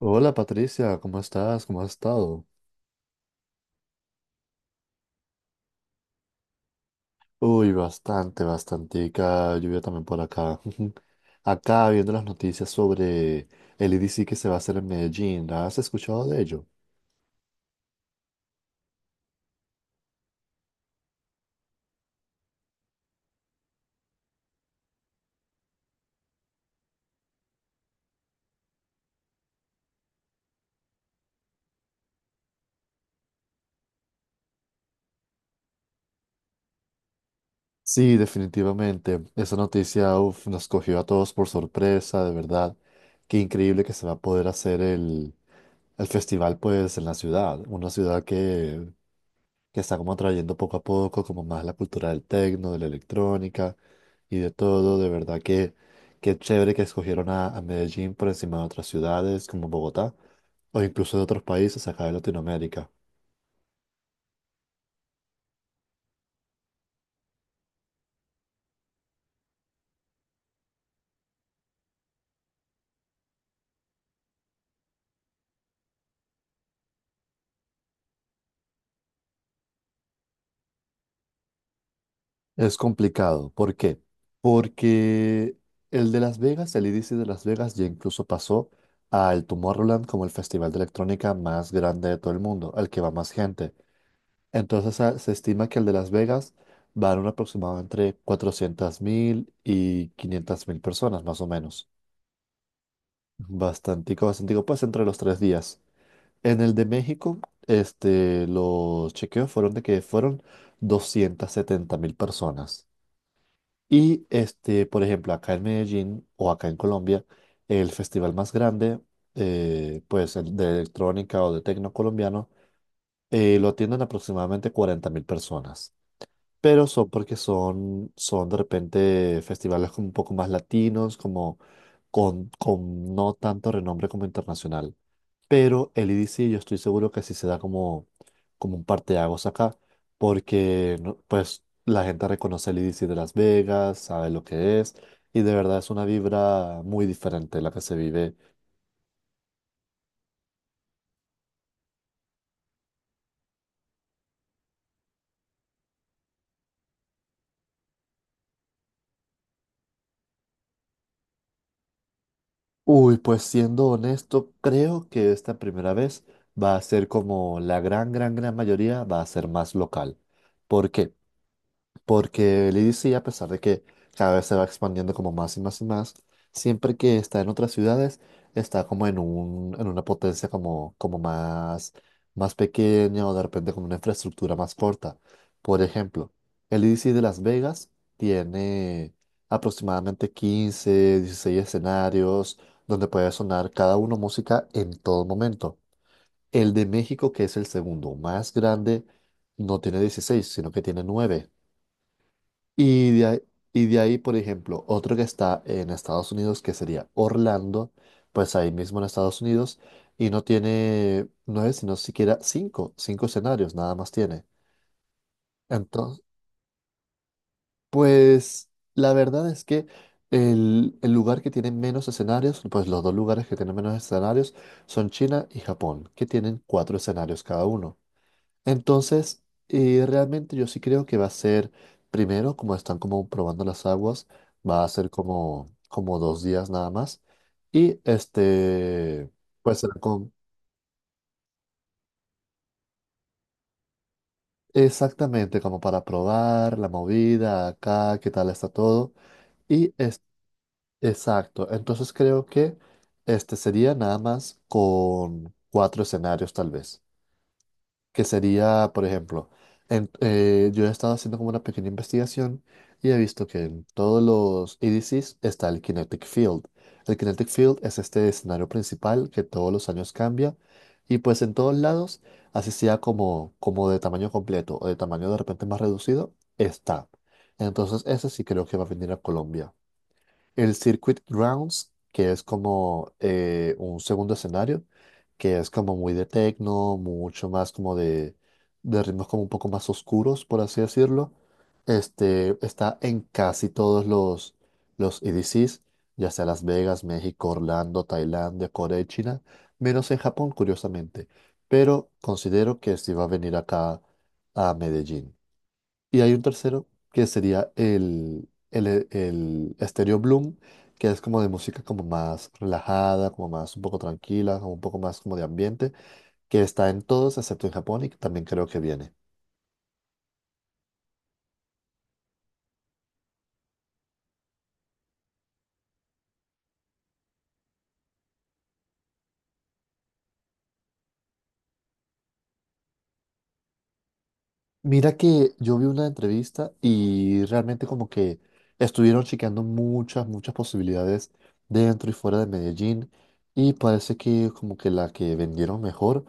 Hola Patricia, ¿cómo estás? ¿Cómo has estado? Uy, bastante, bastantica lluvia también por acá. Acá viendo las noticias sobre el I D C que se va a hacer en Medellín, ¿has escuchado de ello? Sí, definitivamente. Esa noticia, uf, nos cogió a todos por sorpresa, de verdad. Qué increíble que se va a poder hacer el festival, pues, en la ciudad. Una ciudad que está como trayendo poco a poco como más la cultura del techno, de la electrónica y de todo. De verdad que qué chévere que escogieron a Medellín por encima de otras ciudades como Bogotá o incluso de otros países acá de Latinoamérica. Es complicado. ¿Por qué? Porque el de Las Vegas, el EDC de Las Vegas ya incluso pasó al Tomorrowland como el festival de electrónica más grande de todo el mundo, al que va más gente. Entonces se estima que el de Las Vegas va a dar un aproximado entre 400.000 y 500.000 personas, más o menos. Bastantico, bastantico, pues entre los 3 días. En el de México, este, los chequeos fueron de que fueron 270.000 personas. Y este, por ejemplo, acá en Medellín o acá en Colombia, el festival más grande, pues el de electrónica o de tecno colombiano, lo atienden aproximadamente 40.000 personas. Pero son porque son de repente festivales como un poco más latinos, como con no tanto renombre como internacional. Pero el I D C yo estoy seguro que sí se da como un parteaguas acá, porque pues la gente reconoce el I D C de Las Vegas, sabe lo que es, y de verdad es una vibra muy diferente la que se vive. Uy, pues siendo honesto, creo que esta primera vez va a ser como la gran, gran, gran mayoría, va a ser más local. ¿Por qué? Porque el I D C, a pesar de que cada vez se va expandiendo como más y más y más, siempre que está en otras ciudades, está como en una potencia como más pequeña o de repente con una infraestructura más corta. Por ejemplo, el I D C de Las Vegas tiene aproximadamente 15, 16 escenarios donde puede sonar cada uno música en todo momento. El de México, que es el segundo más grande, no tiene 16, sino que tiene 9. Y de ahí, y de ahí, por ejemplo, otro que está en Estados Unidos, que sería Orlando, pues ahí mismo en Estados Unidos, y no tiene nueve, sino siquiera cinco escenarios, nada más tiene. Entonces, pues la verdad es que el lugar que tiene menos escenarios, pues los dos lugares que tienen menos escenarios son China y Japón, que tienen cuatro escenarios cada uno. Entonces, realmente yo sí creo que va a ser, primero, como están como probando las aguas, va a ser como 2 días nada más. Y este, pues será exactamente como para probar la movida acá, qué tal está todo. Y es, exacto, entonces creo que este sería nada más con cuatro escenarios tal vez. Que sería, por ejemplo, yo he estado haciendo como una pequeña investigación y he visto que en todos los EDCs está el Kinetic Field. El Kinetic Field es este escenario principal que todos los años cambia y pues en todos lados, así sea como de tamaño completo o de tamaño de repente más reducido, está. Entonces ese sí creo que va a venir a Colombia. El Circuit Grounds, que es como un segundo escenario, que es como muy de techno, mucho más como de ritmos como un poco más oscuros, por así decirlo. Este está en casi todos los EDCs, ya sea Las Vegas, México, Orlando, Tailandia, Corea y China, menos en Japón, curiosamente. Pero considero que sí va a venir acá a Medellín. Y hay un tercero que sería el Stereo Bloom, que es como de música como más relajada, como más un poco tranquila, como un poco más como de ambiente, que está en todos excepto en Japón y que también creo que viene. Mira que yo vi una entrevista y realmente como que estuvieron chequeando muchas, muchas posibilidades dentro y fuera de Medellín y parece que como que la que vendieron mejor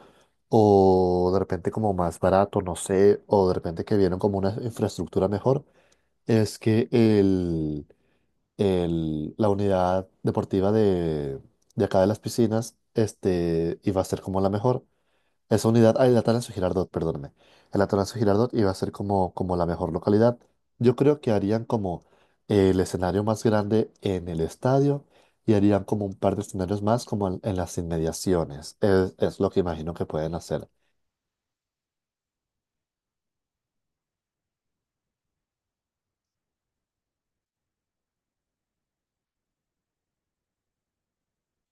o de repente como más barato, no sé, o de repente que vieron como una infraestructura mejor es que la unidad deportiva de acá de las piscinas este, iba a ser como la mejor. Esa unidad, ah, el Atanasio Girardot, perdóname. El Atanasio Girardot iba a ser como la mejor localidad. Yo creo que harían como el escenario más grande en el estadio y harían como un par de escenarios más como en las inmediaciones. Es lo que imagino que pueden hacer.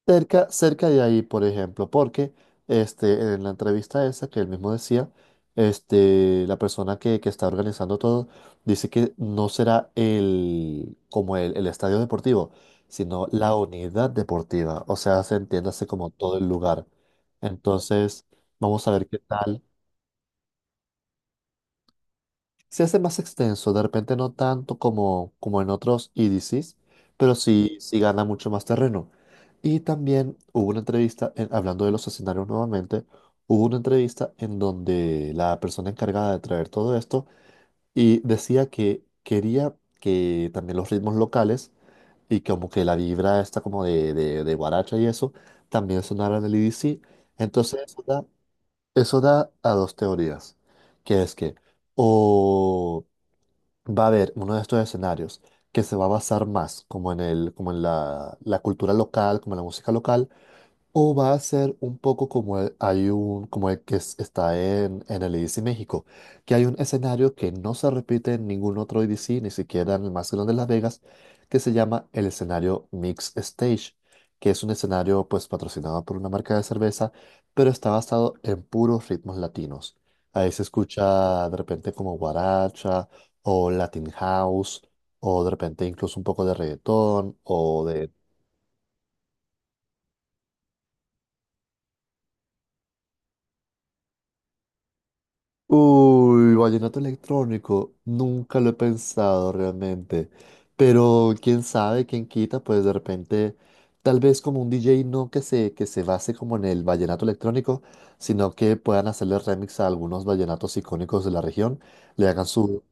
Cerca, cerca de ahí, por ejemplo, porque este, en la entrevista esa que él mismo decía, este, la persona que está organizando todo dice que no será el estadio deportivo, sino la unidad deportiva, o sea, se entiéndase como todo el lugar. Entonces, vamos a ver qué tal. Se hace más extenso, de repente no tanto como en otros EDCs, pero sí, sí gana mucho más terreno. Y también hubo una entrevista, hablando de los escenarios nuevamente, hubo una entrevista en donde la persona encargada de traer todo esto y decía que quería que también los ritmos locales y como que la vibra esta como de guaracha y eso también sonara en el EDC. Entonces eso da a dos teorías, que es que o va a haber uno de estos escenarios que se va a basar más como en la cultura local, como en la música local, o va a ser un poco como el, hay un, como el que es- está en el E D C México, que hay un escenario que no se repite en ningún otro E D C ni siquiera en el más grande de Las Vegas, que se llama el escenario Mix Stage, que es un escenario pues patrocinado por una marca de cerveza, pero está basado en puros ritmos latinos. Ahí se escucha de repente como guaracha o Latin House, o de repente incluso un poco de reggaetón o de. Uy, vallenato electrónico, nunca lo he pensado realmente, pero quién sabe, quién quita, pues de repente, tal vez como un DJ no que se base como en el vallenato electrónico, sino que puedan hacerle remix a algunos vallenatos icónicos de la región, le hagan su,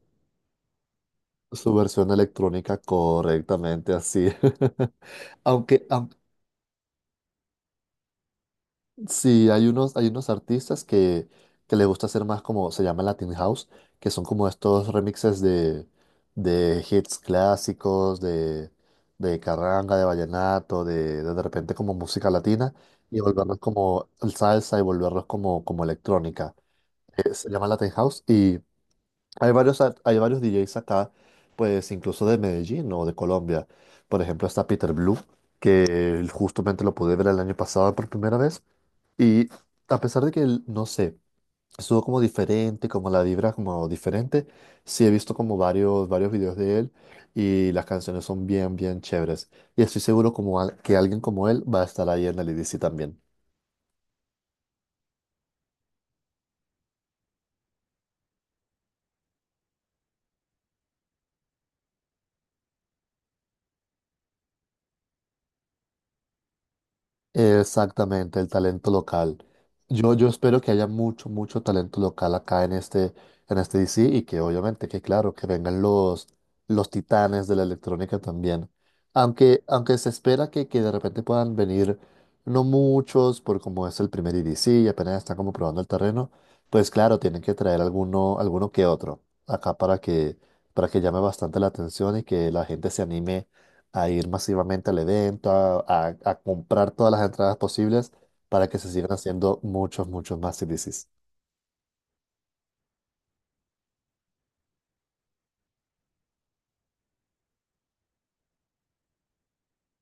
su versión electrónica correctamente así. Aunque sí, hay unos artistas que les gusta hacer más como se llama Latin House, que son como estos remixes de hits clásicos, de carranga, de vallenato, de repente como música latina y volverlos como salsa y volverlos como electrónica. Se llama Latin House y hay varios DJs acá, pues incluso de Medellín o de Colombia. Por ejemplo, está Peter Blue, que justamente lo pude ver el año pasado por primera vez. Y a pesar de que, no sé, estuvo como diferente, como la vibra como diferente, sí he visto como varios, varios videos de él y las canciones son bien, bien chéveres. Y estoy seguro que alguien como él va a estar ahí en el EDC también. Exactamente, el talento local. Yo espero que haya mucho, mucho talento local acá en este, DC y que obviamente, que claro, que vengan los titanes de la electrónica también. Aunque se espera que de repente puedan venir no muchos, por como es el primer IDC y apenas están como probando el terreno, pues claro, tienen que traer alguno, alguno que otro acá para que llame bastante la atención y que la gente se anime a ir masivamente al evento, a comprar todas las entradas posibles para que se sigan haciendo muchos, muchos más CDCs.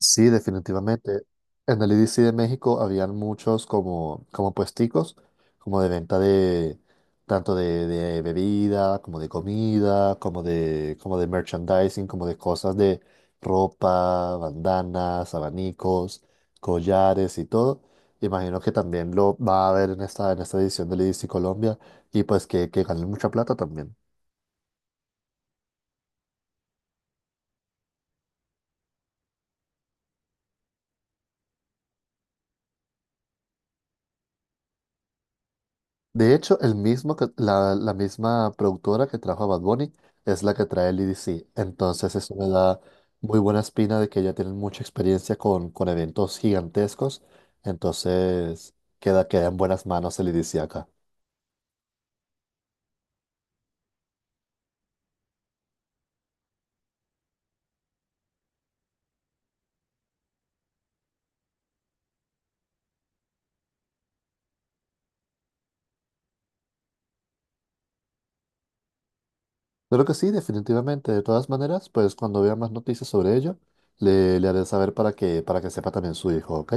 Sí, definitivamente. En el IDC de México habían muchos como puesticos, como de venta de tanto de bebida, como de comida, como de merchandising, como de cosas de ropa, bandanas, abanicos, collares y todo. Imagino que también lo va a haber en esta edición del IDC Colombia y pues que ganen mucha plata también. De hecho, el mismo que, la misma productora que trajo a Bad Bunny es la que trae el E D C. Entonces eso me da muy buena espina de que ya tienen mucha experiencia con eventos gigantescos. Entonces queda en buenas manos el E D C acá. Creo que sí, definitivamente. De todas maneras, pues cuando vea más noticias sobre ello, le haré saber para que, sepa también su hijo, ¿ok?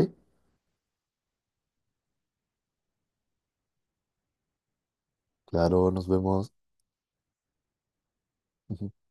Claro, nos vemos.